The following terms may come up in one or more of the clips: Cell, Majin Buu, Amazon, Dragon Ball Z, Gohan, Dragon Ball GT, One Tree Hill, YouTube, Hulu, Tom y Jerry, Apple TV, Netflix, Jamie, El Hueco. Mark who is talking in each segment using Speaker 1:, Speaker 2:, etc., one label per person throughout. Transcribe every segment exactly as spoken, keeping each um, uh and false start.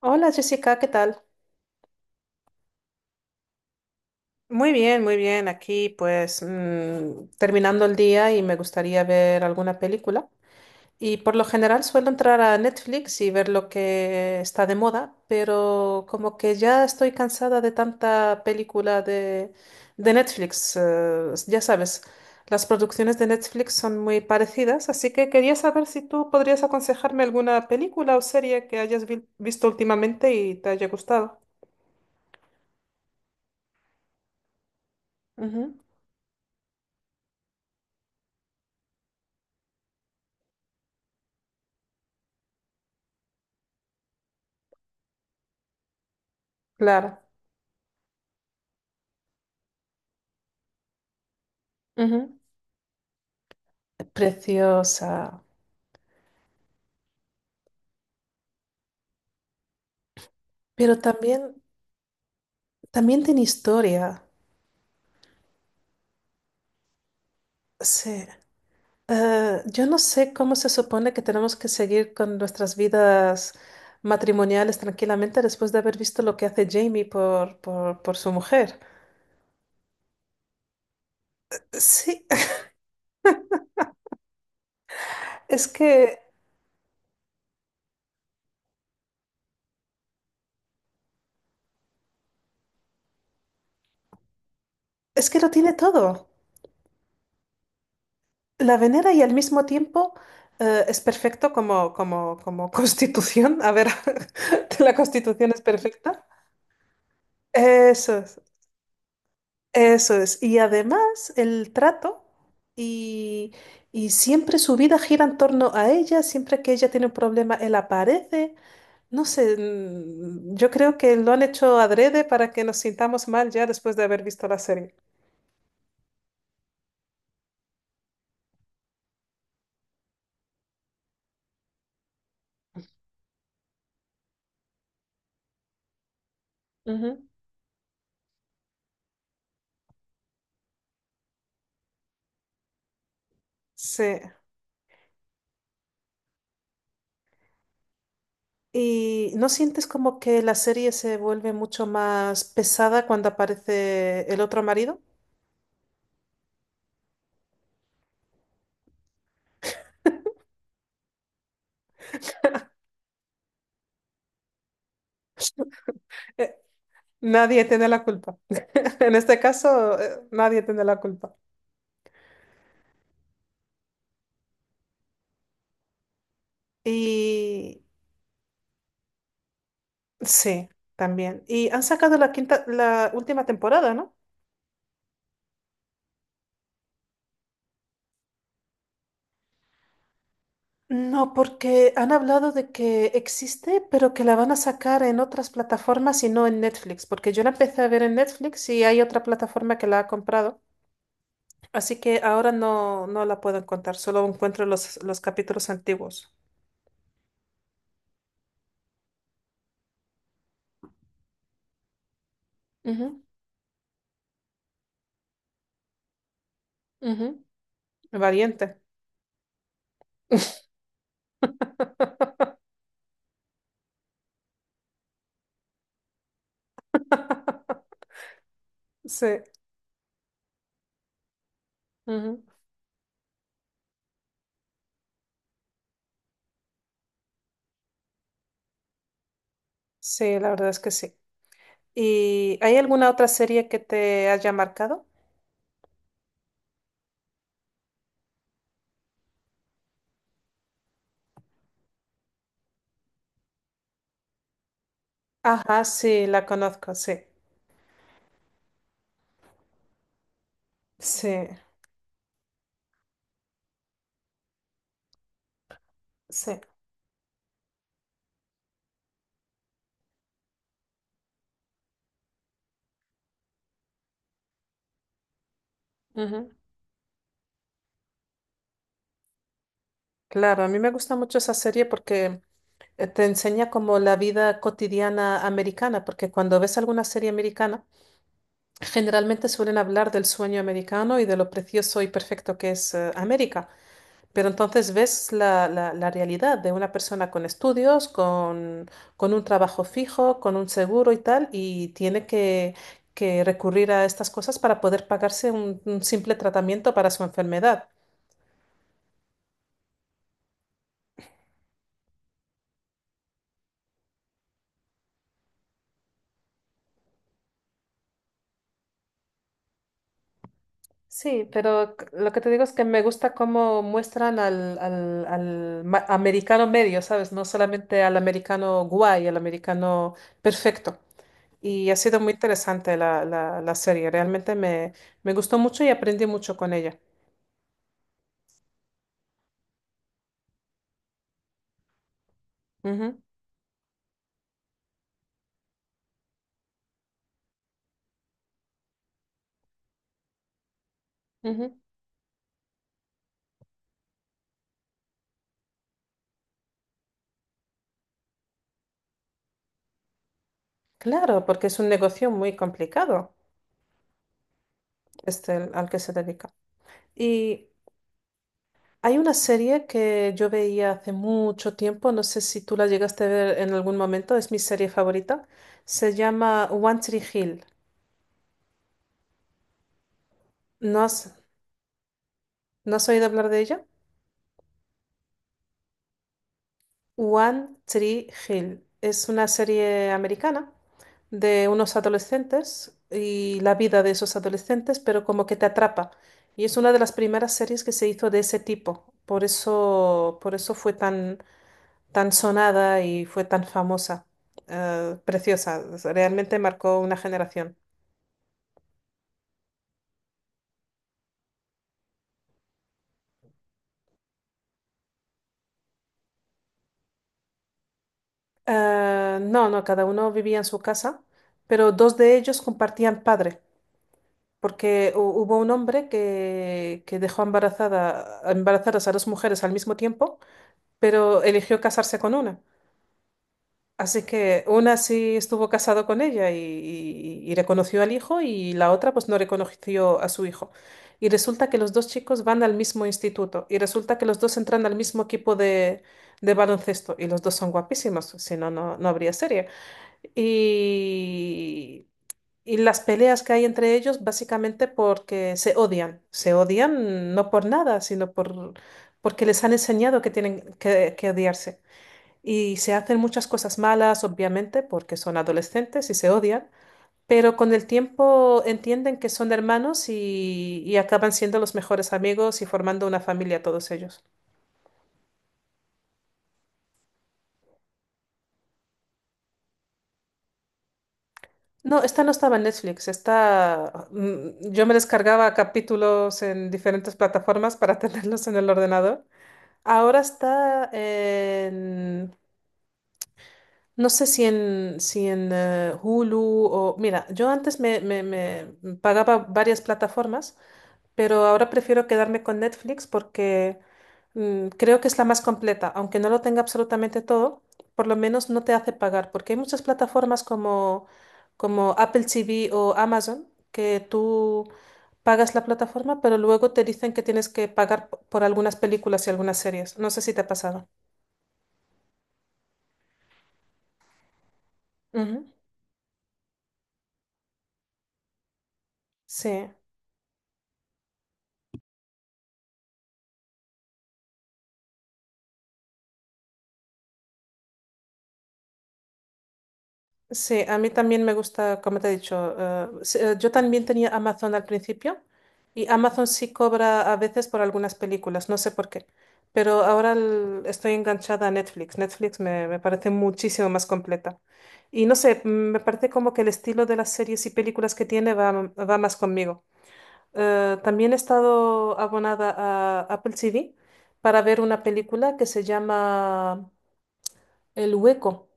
Speaker 1: Hola Jessica, ¿qué tal? Muy bien, muy bien. Aquí pues mm, terminando el día y me gustaría ver alguna película. Y por lo general suelo entrar a Netflix y ver lo que está de moda, pero como que ya estoy cansada de tanta película de, de Netflix. Eh, ya sabes, las producciones de Netflix son muy parecidas, así que quería saber si tú podrías aconsejarme alguna película o serie que hayas vi- visto últimamente y te haya gustado. Ujú. Claro. Ujú. Preciosa. Pero también, También tiene historia. Sí. Eh, yo no sé cómo se supone que tenemos que seguir con nuestras vidas matrimoniales tranquilamente después de haber visto lo que hace Jamie por, por, por su mujer. Sí, es que, es que lo tiene todo. La venera y al mismo tiempo eh, es perfecto como, como, como constitución. A ver, la constitución es perfecta. Eso. Eso es. Y además el trato y, y siempre su vida gira en torno a ella, siempre que ella tiene un problema, él aparece. No sé, mm, yo creo que lo han hecho adrede para que nos sintamos mal ya después de haber visto la serie. Ujú. Sí. ¿Y no sientes como que la serie se vuelve mucho más pesada cuando aparece el otro marido? Eh, Nadie tiene la culpa. En este caso, eh, nadie tiene la culpa. y Sí, también. Y han sacado la quinta, la última temporada, ¿no? No, porque han hablado de que existe, pero que la van a sacar en otras plataformas y no en Netflix, porque yo la empecé a ver en Netflix y hay otra plataforma que la ha comprado, así que ahora no, no la puedo encontrar, solo encuentro los, los capítulos antiguos. Ujú, ujú. Valiente. Sí, ujú. Sí, la verdad es que sí. ¿Y hay alguna otra serie que te haya marcado? Ajá, sí, la conozco, sí, sí, sí. Ujú. Claro, a mí me gusta mucho esa serie porque eh, te enseña como la vida cotidiana americana, porque cuando ves alguna serie americana, generalmente suelen hablar del sueño americano y de lo precioso y perfecto que es eh, América. Pero entonces ves la, la- la realidad de una persona con estudios, con, con un trabajo fijo, con un seguro y tal, y tiene que, que recurrir a estas cosas para poder pagarse un, un simple tratamiento para su enfermedad. Sí, pero c- lo que te digo es que me gusta cómo muestran al, al, al ma- americano medio, ¿sabes? No solamente al americano guay, al americano perfecto. Y ha sido muy interesante la, la, la serie, realmente me, me gustó mucho y aprendí mucho con ella. Ujú, ujú. Claro, porque es un negocio muy complicado este el- al que se dedica. Y hay una serie que yo veía hace mucho tiempo, no sé si tú la llegaste a ver en algún momento, es mi serie favorita. Se llama One Tree Hill. ¿No has, ¿No has oído hablar de ella? One Tree Hill. Es una serie americana de unos adolescentes y la vida de esos adolescentes, pero como que te atrapa. Y es una de las primeras series que se hizo de ese tipo. Por eso, por eso fue tan, tan sonada y fue tan famosa. Eh, preciosa. Realmente marcó una generación. Eh, no, no, cada uno vivía en su casa, pero dos de ellos compartían padre. Porque hu- hubo un hombre que, que dejó embarazada, embarazadas a dos mujeres al mismo tiempo, pero eligió casarse con una. Así que una sí estuvo casado con ella y, y- y reconoció al hijo y la otra pues no reconoció a su hijo. Y resulta que los dos chicos van al mismo instituto y resulta que los dos entran al mismo equipo de, de baloncesto y los dos son guapísimos, si no, no, no habría serie. Y y las peleas que hay entre ellos básicamente porque se odian. Se odian no por nada, sino por, porque les han enseñado que tienen que, que odiarse. Y se hacen muchas cosas malas, obviamente, porque son adolescentes y se odian, pero con el tiempo entienden que son hermanos y, y acaban siendo los mejores amigos y formando una familia todos ellos. No, esta no estaba en Netflix, esta mm, yo me descargaba capítulos en diferentes plataformas para tenerlos en el ordenador. Ahora está en, no sé si en, si en eh, Hulu o... Mira, yo antes me, me- me pagaba varias plataformas, pero ahora prefiero quedarme con Netflix porque mm, creo que es la más completa. Aunque no lo tenga absolutamente todo, por lo menos no te hace pagar, porque hay muchas plataformas como, como Apple T V o Amazon que tú pagas la plataforma, pero luego te dicen que tienes que pagar p- por algunas películas y algunas series. No sé si te ha pasado. Ujú. Sí, sí, a mí también me gusta, como te he dicho, eh, sí, eh, yo también tenía Amazon al principio y Amazon sí cobra a veces por algunas películas, no sé por qué, pero ahora el- estoy enganchada a Netflix. Netflix me, me parece muchísimo más completa. Y no sé, mm, me parece como que el estilo de las series y películas que tiene va, va más conmigo. Eh, también he estado abonada a Apple T V para ver una película que se llama El Hueco.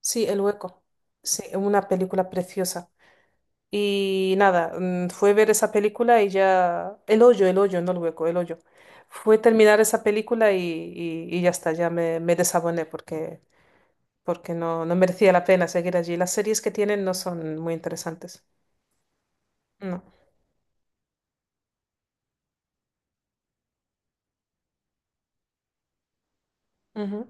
Speaker 1: Sí, El Hueco. Sí, una película preciosa. Y nada, mm, fue ver esa película y ya... El hoyo, el hoyo, no el hueco, el hoyo. Fue terminar esa película y, y- y ya está, ya me, me desaboné porque, porque no, no merecía la pena seguir allí. Las series que tienen no son muy interesantes. No. Ujú.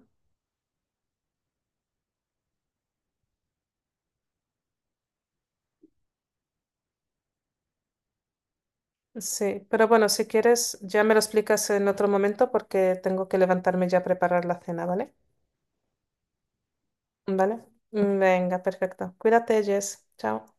Speaker 1: Sí, pero bueno, si quieres, ya me lo explicas en otro momento porque tengo que levantarme ya a preparar la cena, ¿vale? ¿Vale? Venga, perfecto. Cuídate, Jess. Chao.